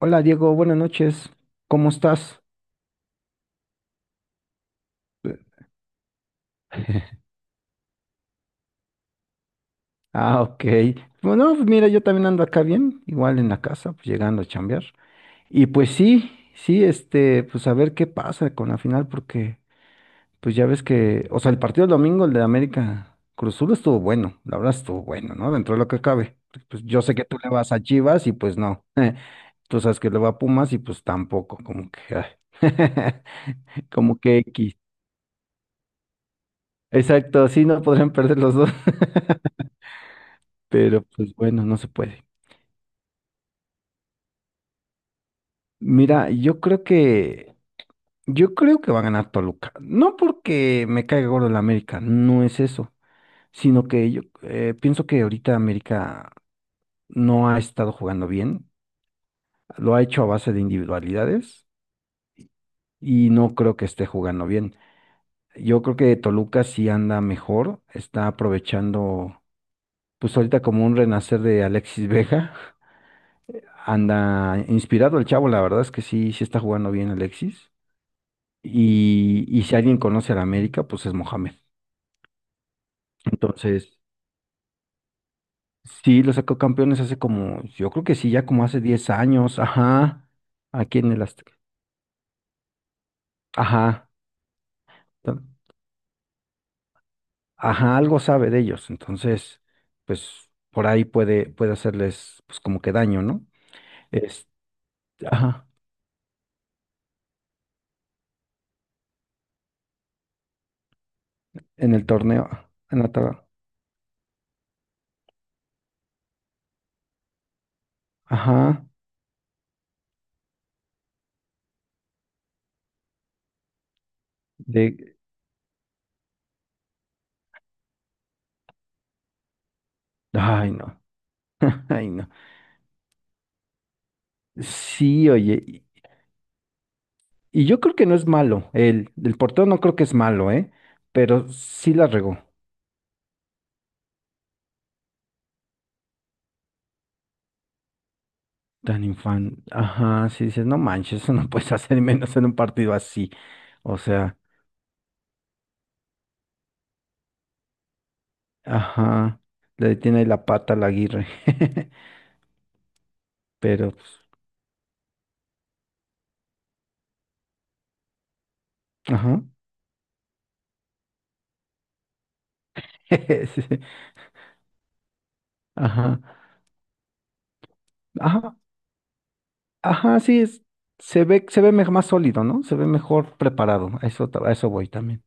Hola Diego, buenas noches. ¿Cómo estás? Eh, Ah, ok. Bueno, pues mira, yo también ando acá bien, igual en la casa, pues llegando a chambear. Y pues sí, sí, pues a ver qué pasa con la final, porque pues ya ves que, o sea, el partido del domingo, el de América Cruz Azul estuvo bueno, la verdad estuvo bueno, ¿no? Dentro de lo que cabe. Porque, pues yo sé que tú le vas a Chivas y pues no. Tú sabes que le va a Pumas y pues tampoco, como que, ay, como que X. Exacto, sí, no podrían perder los dos. Pero pues bueno, no se puede. Mira, yo creo que va a ganar Toluca. No porque me caiga gordo el América, no es eso, sino que yo pienso que ahorita América no ha estado jugando bien, lo ha hecho a base de individualidades y no creo que esté jugando bien. Yo creo que Toluca sí anda mejor, está aprovechando, pues ahorita como un renacer de Alexis Vega, anda inspirado el chavo, la verdad es que sí, sí está jugando bien Alexis. Y si alguien conoce a la América, pues es Mohamed. Entonces, sí, lo sacó campeones hace como, yo creo que sí, ya como hace 10 años, ajá, aquí en el Azteca. Ajá, ton- ajá, algo sabe de ellos. Entonces, pues por ahí puede hacerles pues como que daño, ¿no? Este, ajá, en el torneo, en la tabla, ajá, de, ay, no, ay, no. Sí, oye, y yo creo que no es malo. El portero no creo que es malo, ¿eh? Pero sí la regó. Tan infan. Ajá, sí dices, no manches, eso no puedes hacer y menos en un partido así. O sea, ajá. Le detiene ahí la pata a la Aguirre. Pero, pues, ajá. Sí, ajá. Ajá. Ajá, sí es. Se ve más sólido, ¿no? Se ve mejor preparado. A eso voy también.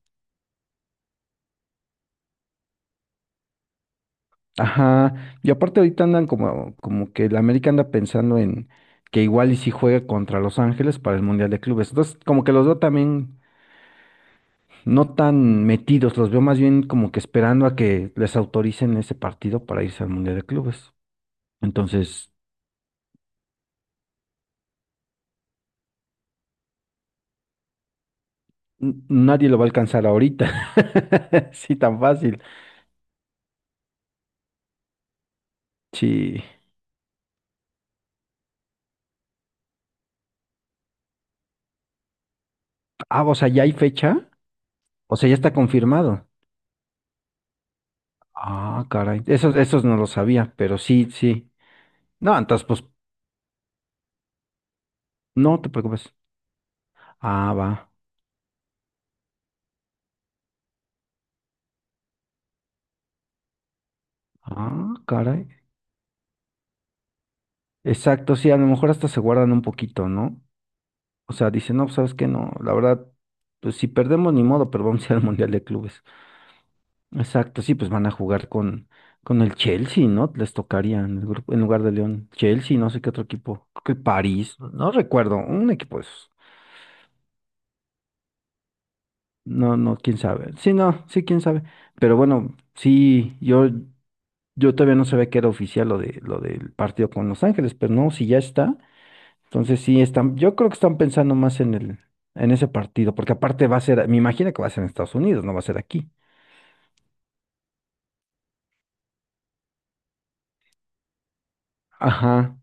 Ajá, y aparte ahorita andan como que el América anda pensando en que igual y si juega contra Los Ángeles para el Mundial de Clubes. Entonces, como que los veo también no tan metidos, los veo más bien como que esperando a que les autoricen ese partido para irse al Mundial de Clubes. Entonces, nadie lo va a alcanzar ahorita. Sí, tan fácil. Sí. Ah, o sea, ya hay fecha. O sea, ya está confirmado. Ah, caray. Esos no lo sabía, pero sí, sí. No, entonces, pues, no te preocupes. Ah, va. Ah, caray. Exacto, sí, a lo mejor hasta se guardan un poquito, ¿no? O sea, dicen, no, sabes qué, no, la verdad, pues si perdemos ni modo, pero vamos a ir al Mundial de Clubes. Exacto, sí, pues van a jugar con el Chelsea, ¿no? Les tocaría en el grupo, en lugar de León. Chelsea, no sé qué otro equipo. Creo que el París, no recuerdo, un equipo de esos. No, no, quién sabe. Sí, no, sí, quién sabe. Pero bueno, sí, yo todavía no sabía que era oficial lo del partido con Los Ángeles, pero no, si ya está. Entonces sí, están, yo creo que están pensando más en el, en ese partido, porque aparte va a ser, me imagino que va a ser en Estados Unidos, no va a ser aquí. Ajá,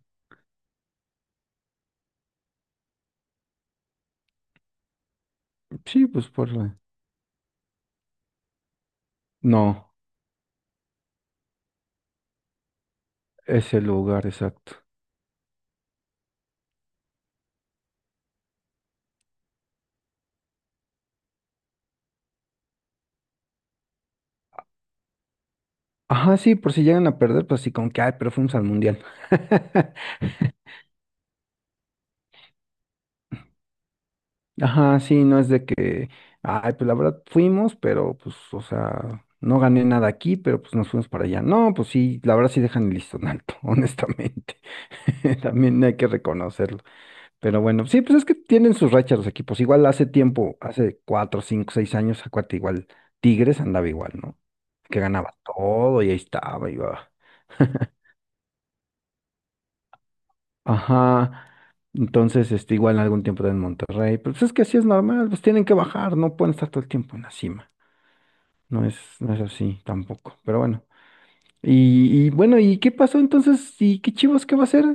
sí, pues no, ese lugar exacto. Ajá, sí, por si llegan a perder, pues sí, con que, ay, pero fuimos al mundial. Ajá, sí, no es de que, ay, pues la verdad fuimos, pero pues, o sea, no gané nada aquí, pero pues nos fuimos para allá. No, pues sí, la verdad sí dejan el listón alto, honestamente. También hay que reconocerlo. Pero bueno, sí, pues es que tienen sus rachas los equipos. Igual hace tiempo, hace cuatro, cinco, seis años, acuérdate, igual Tigres andaba igual, ¿no? Que ganaba todo y ahí estaba, iba. Ajá. Entonces, igual algún tiempo en Monterrey, pero pues es que así es normal, pues tienen que bajar, no pueden estar todo el tiempo en la cima. No es así tampoco, pero bueno. Y bueno, ¿y qué pasó entonces? ¿Y qué Chivas qué va a hacer?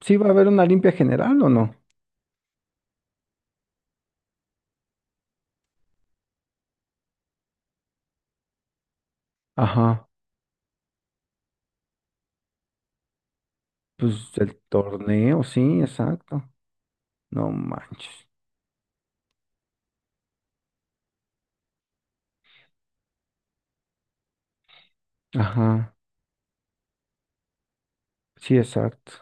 ¿Sí va a haber una limpia general o no? Ajá, pues el torneo, sí, exacto. No manches. Ajá, sí, exacto.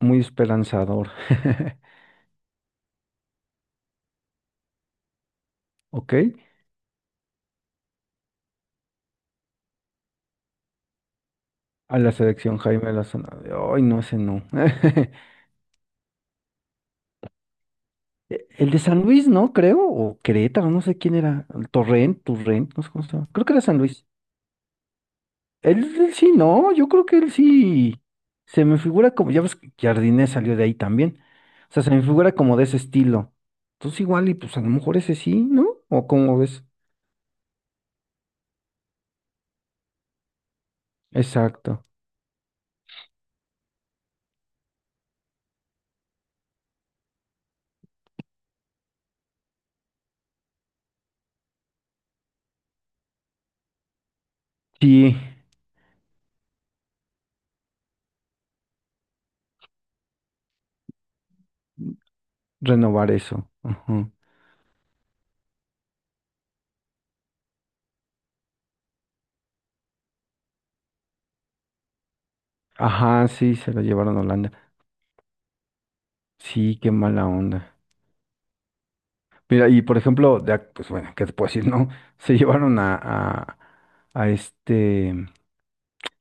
Muy esperanzador. ¿Ok? A la selección Jaime Lozano. Ay, no, ese no. El de San Luis, ¿no? Creo. O Querétaro, no sé quién era. El Torrent, Torrent, no sé cómo se llama. Creo que era San Luis. Él sí, no. Yo creo que él sí. Se me figura como. Ya ves que Jardine salió de ahí también. O sea, se me figura como de ese estilo. Entonces, igual, y pues a lo mejor ese sí, ¿no? ¿O cómo ves? Exacto. Sí, renovar eso. Ajá. Ajá, sí, se la llevaron a Holanda. Sí, qué mala onda. Mira, y por ejemplo, pues bueno, ¿qué te puedo decir? No, se llevaron a este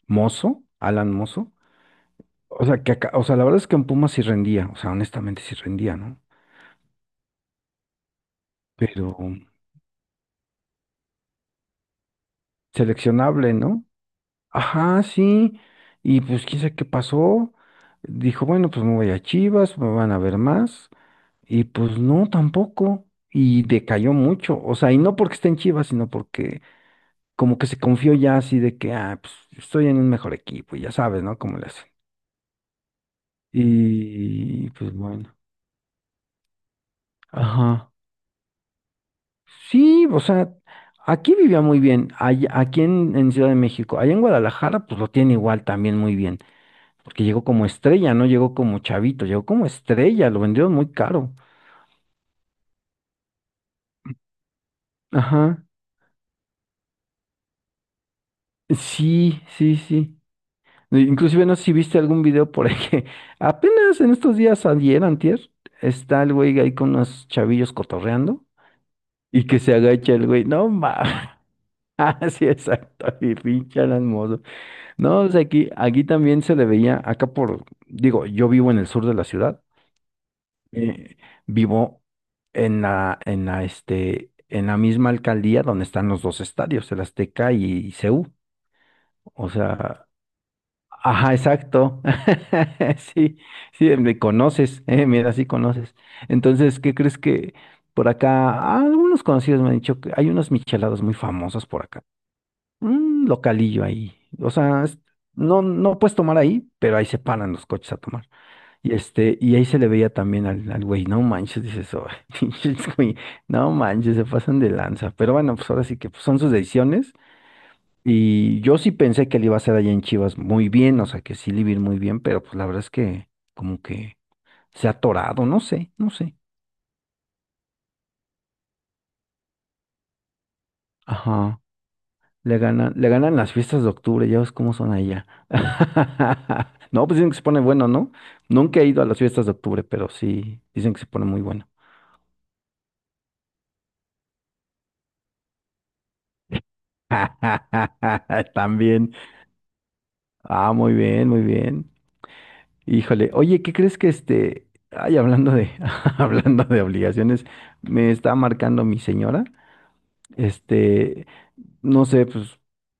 Mozo, Alan Mozo. O sea, que acá, o sea, la verdad es que en Pumas sí rendía, o sea, honestamente sí rendía, ¿no? Pero seleccionable, ¿no? Ajá, sí. Y pues quién sabe qué pasó. Dijo, bueno, pues me voy a Chivas, me van a ver más. Y pues no, tampoco. Y decayó mucho. O sea, y no porque esté en Chivas, sino porque como que se confió ya así de que, ah, pues estoy en un mejor equipo, y ya sabes, ¿no? Cómo le hacen. Y pues bueno, ajá. Sí, o sea, aquí vivía muy bien, aquí en, Ciudad de México, allá en Guadalajara, pues lo tiene igual también muy bien, porque llegó como estrella, no llegó como chavito, llegó como estrella, lo vendieron muy caro. Ajá. Sí, sí, sí. Inclusive no sé si viste algún video por ahí que apenas en estos días ayer, antier, está el güey ahí con unos chavillos cotorreando y que se agacha el güey, no mames. Ah, sí, exacto, y pinche Alan Mozo. No, o sea, aquí también se le veía, acá por, digo, yo vivo en el sur de la ciudad, eh, vivo en la misma alcaldía donde están los dos estadios, el Azteca y CU. O sea, ajá, exacto. Sí, sí, me conoces, mira, sí conoces. Entonces, ¿qué crees que por acá? Ah, algunos conocidos me han dicho que hay unas micheladas muy famosas por acá un localillo ahí. O sea, no, no puedes tomar ahí, pero ahí se paran los coches a tomar. Y ahí se le veía también al güey, no manches, dices, "Oh, pinches güey, no manches, se pasan de lanza. Pero bueno, pues ahora sí que pues, son sus decisiones. Y yo sí pensé que le iba a hacer allá en Chivas muy bien, o sea que sí le iba a ir muy bien, pero pues la verdad es que como que se ha atorado, no sé, no sé. Ajá. Le ganan las fiestas de octubre, ya ves cómo son allá. No, pues dicen que se pone bueno, ¿no? Nunca he ido a las fiestas de octubre, pero sí, dicen que se pone muy bueno. También. Ah, muy bien, muy bien. Híjole, oye, ¿qué crees que ay, hablando de, hablando de obligaciones, me está marcando mi señora? Este, no sé, pues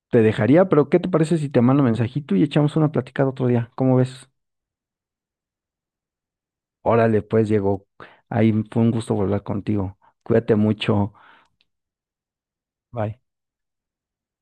te dejaría, pero ¿qué te parece si te mando un mensajito y echamos una platicada otro día? ¿Cómo ves? Órale, pues Diego, ahí fue un gusto volver contigo. Cuídate mucho. Bye.